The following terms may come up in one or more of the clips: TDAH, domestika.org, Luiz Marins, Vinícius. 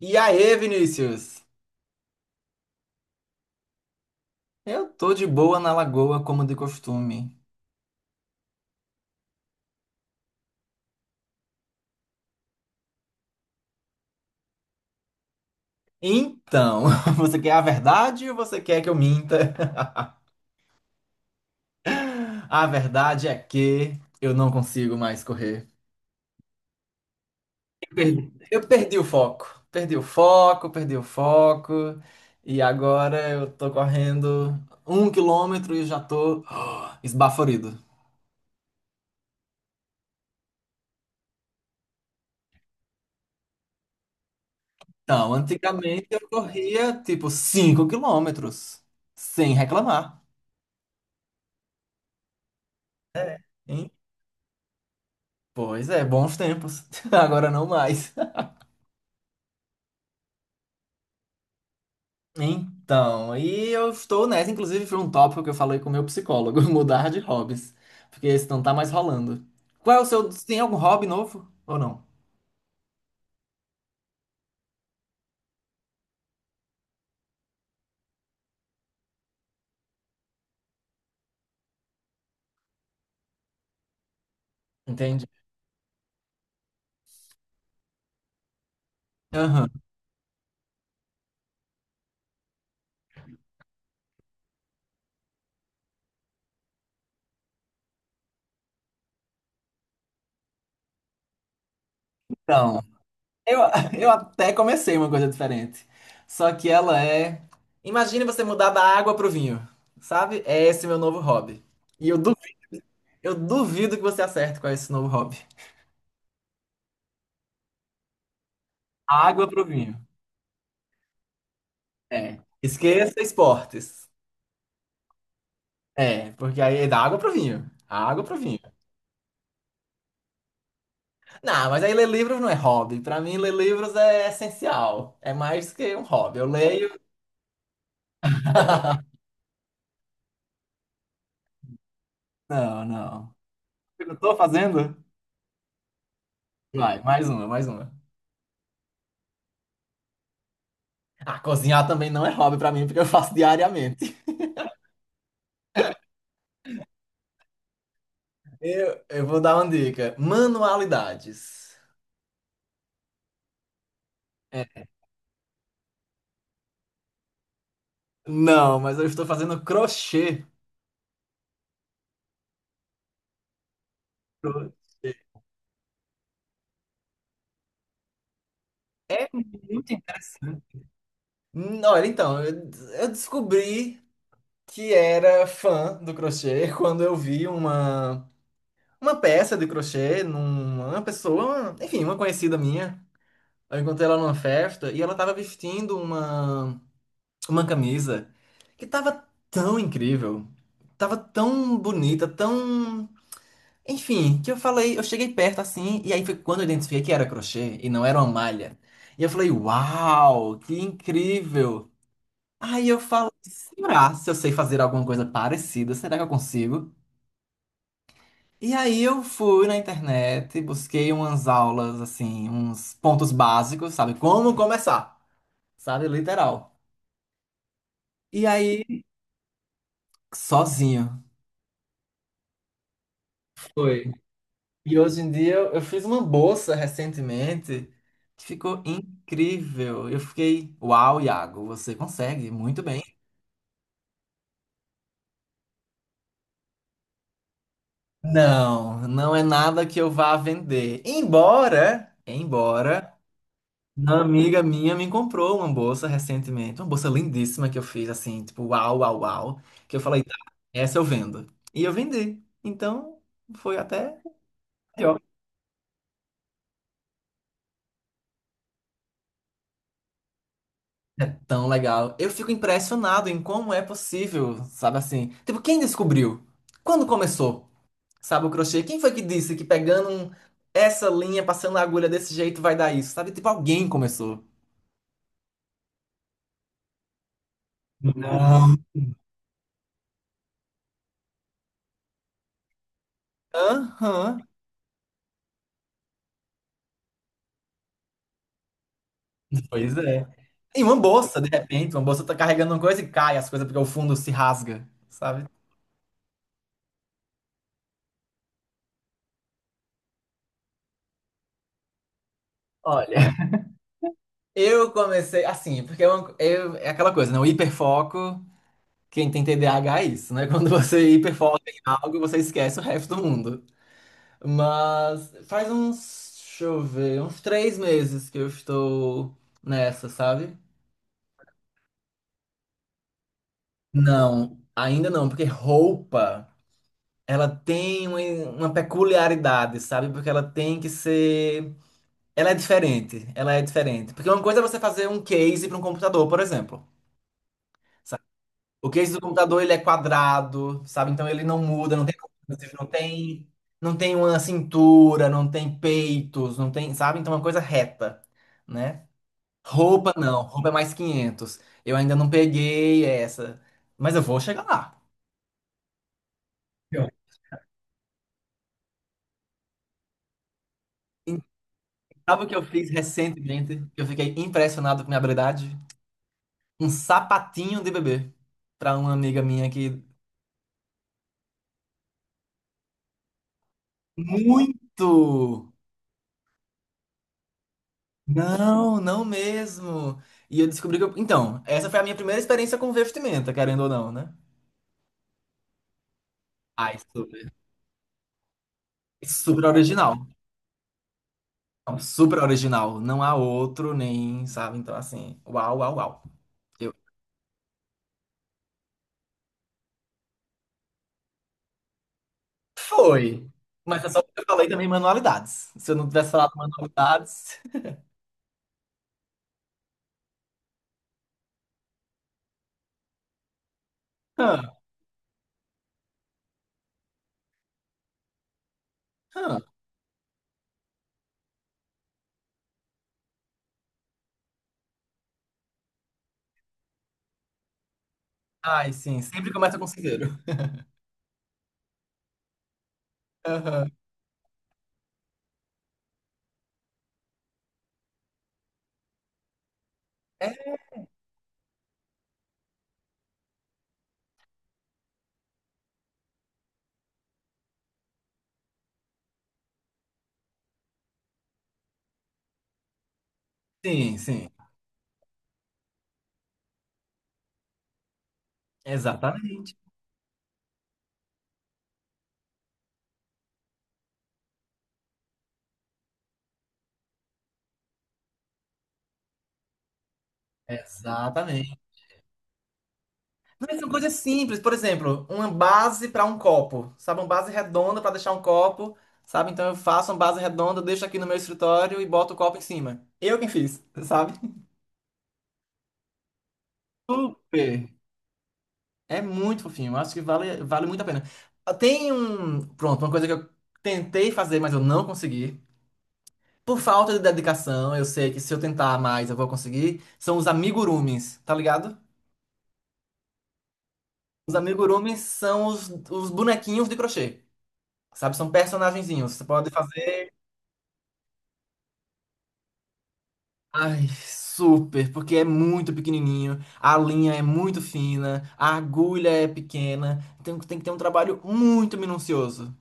E aí, Vinícius? Eu tô de boa na lagoa, como de costume. Então, você quer a verdade ou você quer que eu minta? A verdade é que eu não consigo mais correr. Eu perdi o foco. Perdi o foco, perdi o foco. E agora eu tô correndo 1 km e já tô esbaforido. Então, antigamente eu corria tipo 5 km, sem reclamar. Pois é, bons tempos. Agora não mais. Então, e eu estou nessa, inclusive foi um tópico que eu falei com o meu psicólogo, mudar de hobbies, porque esse não tá mais rolando. Qual é o seu, tem algum hobby novo ou não? Entende? Aham. Então, eu, eu até comecei uma coisa diferente. Só que ela é, imagine você mudar da água pro vinho, sabe? É esse meu novo hobby. E eu duvido que você acerte com esse novo hobby. Água pro vinho. É. Esqueça esportes. É, porque aí é da água pro vinho. A água pro vinho. Não, mas aí ler livros não é hobby. Pra mim, ler livros é essencial. É mais que um hobby. Eu leio. Não, não. Eu não tô fazendo? Vai, mais uma, mais uma. Ah, cozinhar também não é hobby pra mim, porque eu faço diariamente. Eu vou dar uma dica. Manualidades. É, não, mas eu estou fazendo crochê. Crochê. É muito interessante. Olha, então, eu descobri que era fã do crochê quando eu vi uma peça de crochê numa pessoa, enfim, uma conhecida minha. Eu encontrei ela numa festa e ela estava vestindo uma camisa que estava tão incrível, estava tão bonita, tão. Enfim, que eu falei, eu cheguei perto assim, e aí foi quando eu identifiquei que era crochê e não era uma malha. E eu falei, uau, que incrível! Aí eu falo, será se eu sei fazer alguma coisa parecida? Será que eu consigo? E aí eu fui na internet, busquei umas aulas, assim, uns pontos básicos, sabe? Como começar, sabe? Literal. E aí, sozinho. Foi. E hoje em dia eu fiz uma bolsa recentemente que ficou incrível. Eu fiquei, uau, Iago, você consegue muito bem. Não, não é nada que eu vá vender. Embora, uma amiga minha me comprou uma bolsa recentemente, uma bolsa lindíssima que eu fiz assim, tipo, uau, uau, uau, que eu falei, tá, essa eu vendo. E eu vendi. Então, foi até melhor. É tão legal. Eu fico impressionado em como é possível, sabe assim? Tipo, quem descobriu? Quando começou? Sabe o crochê? Quem foi que disse que pegando essa linha, passando a agulha desse jeito vai dar isso? Sabe? Tipo, alguém começou. Não. Aham. Pois é. E uma bolsa, de repente, uma bolsa tá carregando uma coisa e cai as coisas porque o fundo se rasga, sabe? Olha, eu comecei assim, porque é, é aquela coisa, né? O hiperfoco, quem tem TDAH é isso, né? Quando você hiperfoca em algo, você esquece o resto do mundo. Mas faz uns, deixa eu ver, uns 3 meses que eu estou nessa, sabe? Não, ainda não, porque roupa, ela tem uma peculiaridade, sabe? Porque ela tem que ser Ela é diferente, ela é diferente. Porque uma coisa é você fazer um case para um computador, por exemplo, sabe? O case do computador, ele é quadrado, sabe? Então ele não muda, não tem curvas, não tem uma cintura, não tem peitos, não tem, sabe? Então é uma coisa reta, né? Roupa não, roupa é mais quinhentos. Eu ainda não peguei essa, mas eu vou chegar lá. E sabe o que eu fiz recentemente? Que eu fiquei impressionado com minha habilidade. Um sapatinho de bebê para uma amiga minha que. Muito! Não, não mesmo. E eu descobri que eu... Então, essa foi a minha primeira experiência com vestimenta, querendo ou não, né? Ai, super, super original. Não, super original. Não há outro, nem, sabe? Então, assim, uau, uau, uau. Eu... Foi! Mas é só porque eu falei também manualidades. Se eu não tivesse falado manualidades. Ah, ah. Ai, sim, sempre começa com cinzeiro. Aham. É, sim, sim. Exatamente. Exatamente. Mas são coisas simples, por exemplo, uma base para um copo, sabe? Uma base redonda para deixar um copo, sabe? Então eu faço uma base redonda, deixo aqui no meu escritório e boto o copo em cima. Eu quem fiz, sabe? Super! É muito fofinho, eu acho que vale muito a pena. Ah, tem um. Pronto, uma coisa que eu tentei fazer, mas eu não consegui. Por falta de dedicação, eu sei que se eu tentar mais eu vou conseguir. São os amigurumis, tá ligado? Os amigurumis são os bonequinhos de crochê, sabe? São personagenzinhos. Você pode fazer. Ai, super, porque é muito pequenininho, a linha é muito fina, a agulha é pequena, tem que ter um trabalho muito minucioso.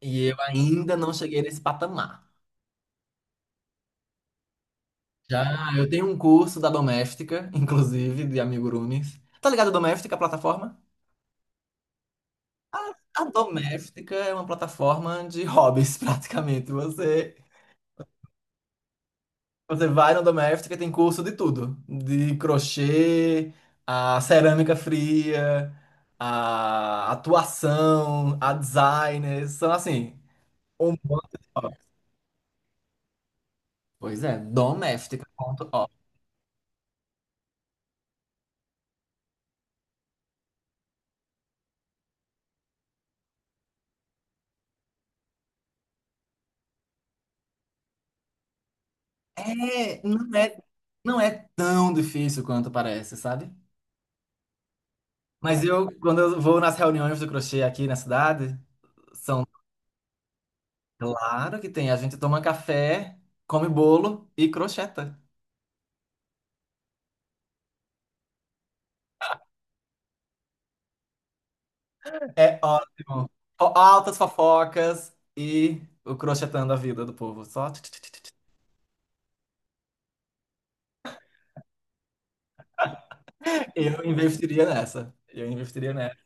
E eu ainda não cheguei nesse patamar. Já eu tenho um curso da Doméstica, inclusive, de amigurumis. Tá ligado a Doméstica, a plataforma? A Doméstica é uma plataforma de hobbies, praticamente. Você vai no Domestika, e tem curso de tudo. De crochê, a cerâmica fria, a atuação, a designer. São assim, um monte de obras. Pois é, Doméstica domestika.org. É, não é tão difícil quanto parece, sabe? Mas eu, quando eu vou nas reuniões do crochê aqui na cidade, são, claro que tem, a gente toma café, come bolo e crocheta. É ótimo. Altas fofocas e o crochetando a vida do povo. Só. Tch, tch, tch, tch, tch. Eu investiria nessa. Eu investiria nessa.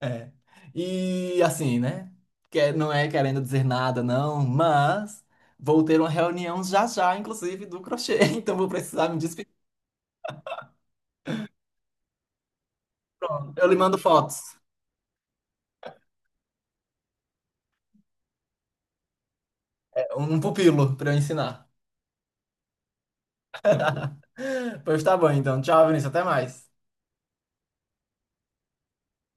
É. E assim, né? Que é, não é querendo dizer nada, não, mas vou ter uma reunião já já, inclusive, do crochê. Então vou precisar me despedir. Eu lhe mando fotos. É, um pupilo para eu ensinar. Pois tá bom, então. Tchau, Vinícius. Até mais.